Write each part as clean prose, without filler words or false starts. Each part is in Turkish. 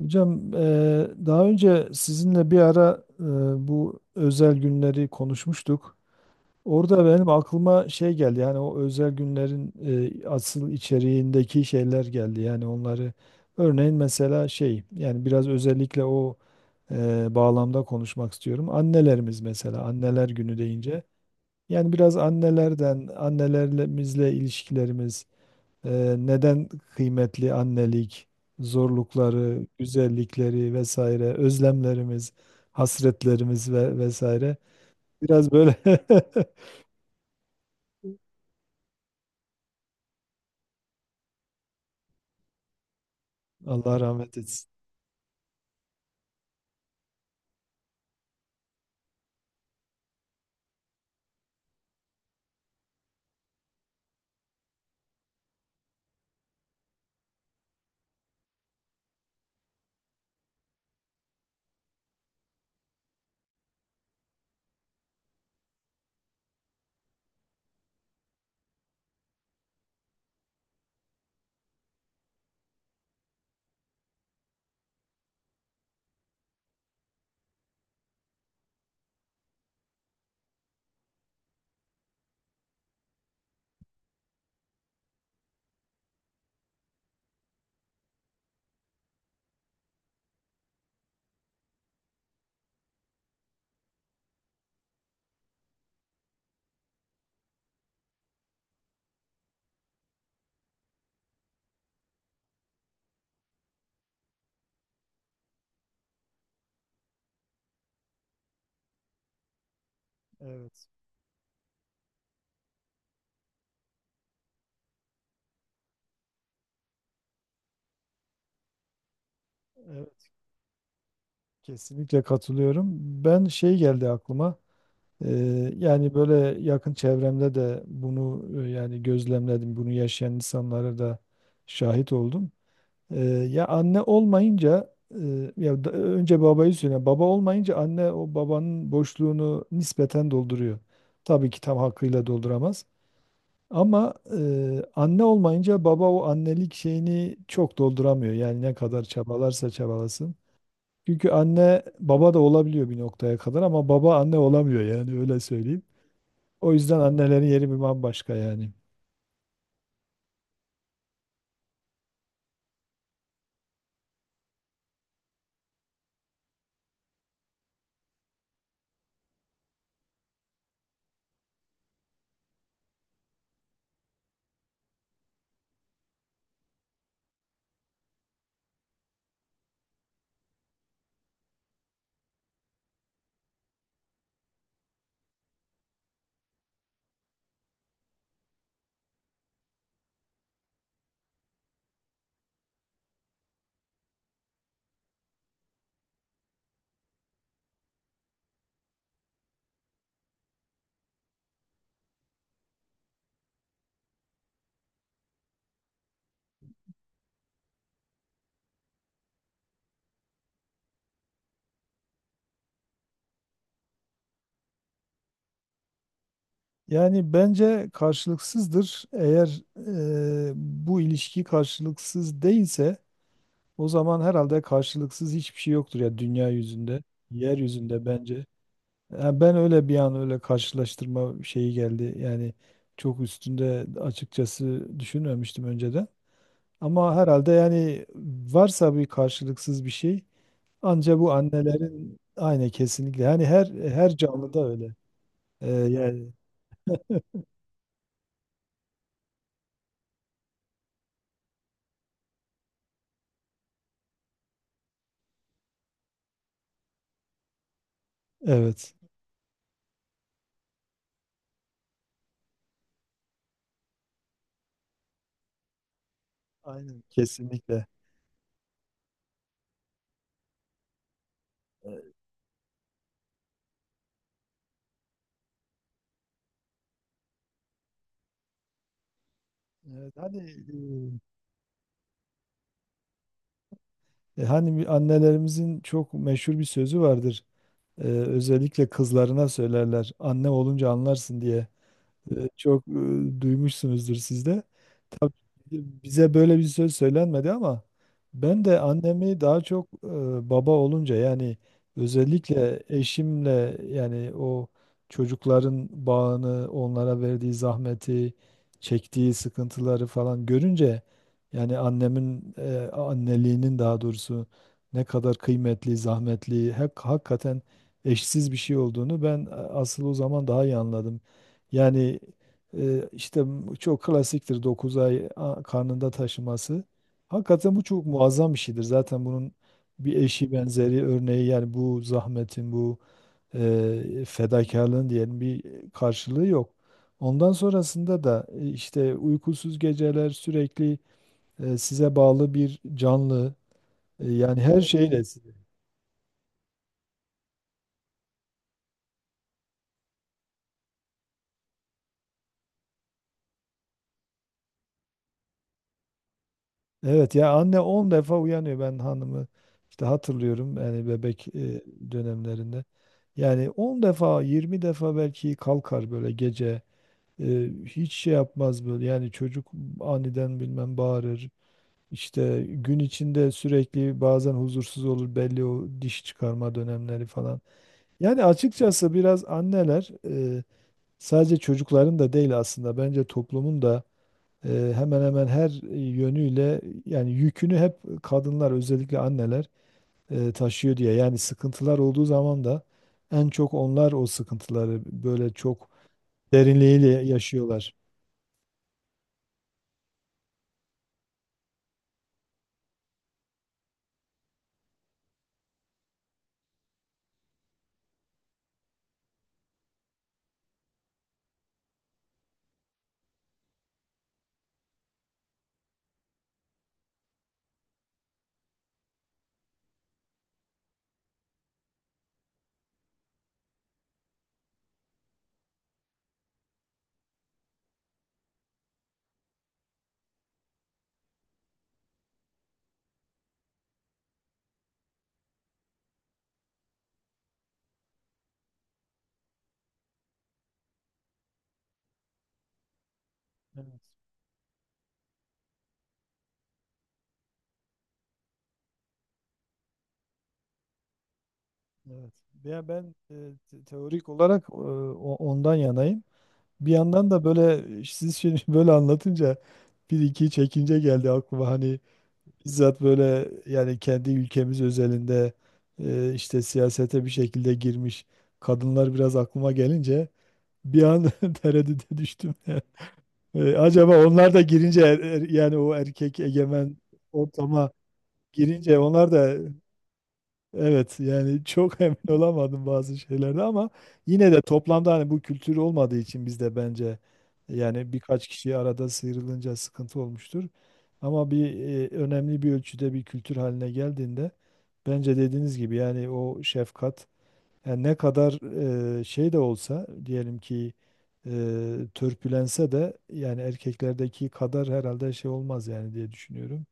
Hocam, daha önce sizinle bir ara bu özel günleri konuşmuştuk. Orada benim aklıma şey geldi, yani o özel günlerin asıl içeriğindeki şeyler geldi. Yani onları örneğin mesela şey, yani biraz özellikle o bağlamda konuşmak istiyorum. Annelerimiz mesela anneler günü deyince yani biraz annelerden annelerimizle ilişkilerimiz. Neden kıymetli annelik, zorlukları, güzellikleri vesaire, özlemlerimiz, hasretlerimiz ve vesaire. Biraz böyle. Allah rahmet etsin. Evet, evet, kesinlikle katılıyorum. Ben şey geldi aklıma. Yani böyle yakın çevremde de bunu, yani gözlemledim. Bunu yaşayan insanlara da şahit oldum. Ya anne olmayınca, önce babayı söyle. Baba olmayınca anne o babanın boşluğunu nispeten dolduruyor. Tabii ki tam hakkıyla dolduramaz. Ama anne olmayınca baba o annelik şeyini çok dolduramıyor. Yani ne kadar çabalarsa çabalasın. Çünkü anne baba da olabiliyor bir noktaya kadar, ama baba anne olamıyor, yani öyle söyleyeyim. O yüzden annelerin yeri bir bambaşka yani. Yani bence karşılıksızdır. Eğer bu ilişki karşılıksız değilse, o zaman herhalde karşılıksız hiçbir şey yoktur ya dünya yüzünde, yeryüzünde bence. Yani ben öyle bir an öyle karşılaştırma şeyi geldi. Yani çok üstünde açıkçası düşünmemiştim önceden. Ama herhalde yani, varsa bir karşılıksız bir şey, anca bu annelerin, aynı kesinlikle. Yani her canlıda öyle. Yani evet. Aynen, kesinlikle. Evet, hani hani bir annelerimizin çok meşhur bir sözü vardır. Özellikle kızlarına söylerler. Anne olunca anlarsın diye. Çok, duymuşsunuzdur siz de. Bize böyle bir söz söylenmedi ama ben de annemi daha çok, baba olunca, yani özellikle eşimle, yani o çocukların bağını, onlara verdiği zahmeti, çektiği sıkıntıları falan görünce, yani annemin anneliğinin, daha doğrusu ne kadar kıymetli, zahmetli, hak, hakikaten eşsiz bir şey olduğunu ben, asıl o zaman daha iyi anladım. Yani, işte çok klasiktir 9 ay karnında taşıması. Hakikaten bu çok muazzam bir şeydir. Zaten bunun bir eşi, benzeri, örneği, yani bu zahmetin, bu fedakarlığın diyelim, bir karşılığı yok. Ondan sonrasında da işte uykusuz geceler, sürekli size bağlı bir canlı, yani her şeyle. Evet, ya anne 10 defa uyanıyor, ben hanımı işte hatırlıyorum yani bebek dönemlerinde. Yani 10 defa, 20 defa belki kalkar böyle gece. Hiç şey yapmaz böyle, yani çocuk aniden bilmem bağırır. İşte gün içinde sürekli bazen huzursuz olur, belli o diş çıkarma dönemleri falan. Yani açıkçası biraz anneler, e, sadece çocukların da değil, aslında bence toplumun da hemen hemen her yönüyle yani yükünü, hep kadınlar, özellikle anneler taşıyor diye. Yani sıkıntılar olduğu zaman da en çok onlar o sıkıntıları böyle çok derinliğiyle yaşıyorlar. Evet, evet. Ya ben, teorik olarak, ondan yanayım. Bir yandan da böyle, siz şimdi böyle anlatınca bir iki çekince geldi aklıma hani. Bizzat böyle yani kendi ülkemiz özelinde, işte siyasete bir şekilde girmiş kadınlar biraz aklıma gelince, bir an tereddüte düştüm. Acaba onlar da girince, yani o erkek egemen ortama girince onlar da... Evet, yani çok emin olamadım bazı şeylerde, ama yine de toplamda hani bu kültür olmadığı için bizde, bence yani birkaç kişi arada sıyrılınca sıkıntı olmuştur. Ama bir, önemli bir ölçüde bir kültür haline geldiğinde bence dediğiniz gibi yani o şefkat, yani ne kadar şey de olsa, diyelim ki e, törpülense de, yani erkeklerdeki kadar herhalde şey olmaz yani, diye düşünüyorum.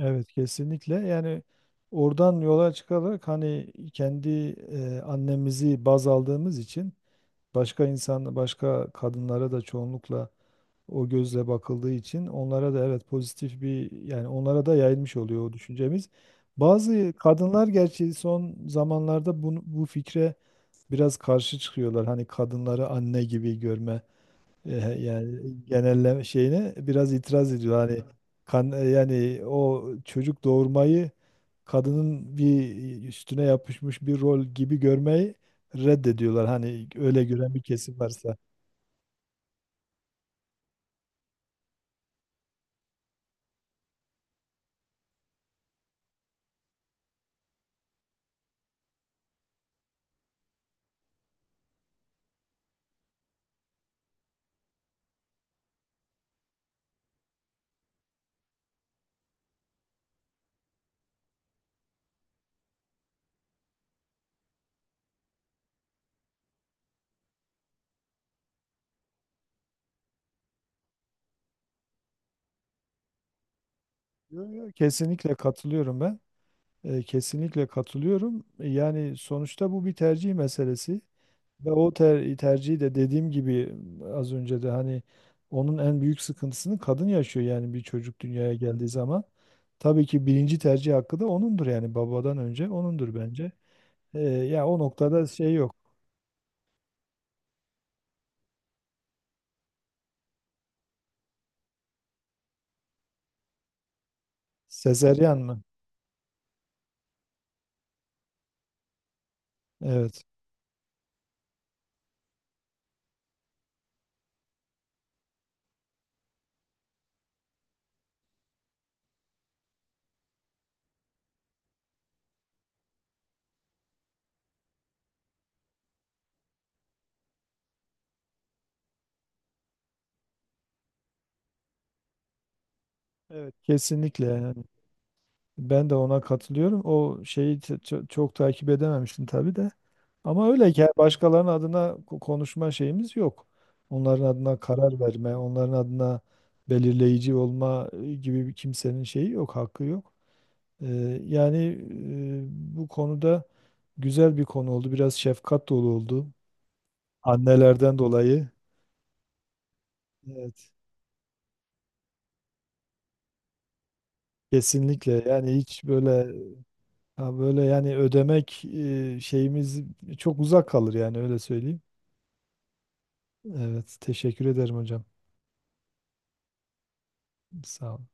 Evet kesinlikle, yani oradan yola çıkarak hani kendi annemizi baz aldığımız için başka insan, başka kadınlara da çoğunlukla o gözle bakıldığı için, onlara da evet pozitif bir, yani onlara da yayılmış oluyor o düşüncemiz. Bazı kadınlar gerçi son zamanlarda bu fikre biraz karşı çıkıyorlar. Hani kadınları anne gibi görme. E, Yani genelleme şeyine biraz itiraz ediyor. Hani yani o çocuk doğurmayı kadının bir üstüne yapışmış bir rol gibi görmeyi reddediyorlar. Hani öyle gören bir kesim varsa. Yo, yo, kesinlikle katılıyorum ben. Kesinlikle katılıyorum. Yani sonuçta bu bir tercih meselesi. Ve o tercihi de, dediğim gibi az önce de hani, onun en büyük sıkıntısını kadın yaşıyor, yani bir çocuk dünyaya geldiği zaman. Tabii ki birinci tercih hakkı da onundur, yani babadan önce onundur bence. Ya o noktada şey yok. Sezeryan mı? Evet. Evet, kesinlikle. Yani. Ben de ona katılıyorum. O şeyi çok takip edememiştim tabii de. Ama öyle ki, başkalarının adına konuşma şeyimiz yok. Onların adına karar verme, onların adına belirleyici olma gibi bir kimsenin şeyi yok, hakkı yok. Ee, Yani, bu konuda güzel bir konu oldu. Biraz şefkat dolu oldu. Annelerden dolayı. Evet. Kesinlikle yani, hiç böyle, ha böyle yani ödemek, şeyimiz çok uzak kalır, yani öyle söyleyeyim. Evet, teşekkür ederim hocam. Sağ olun.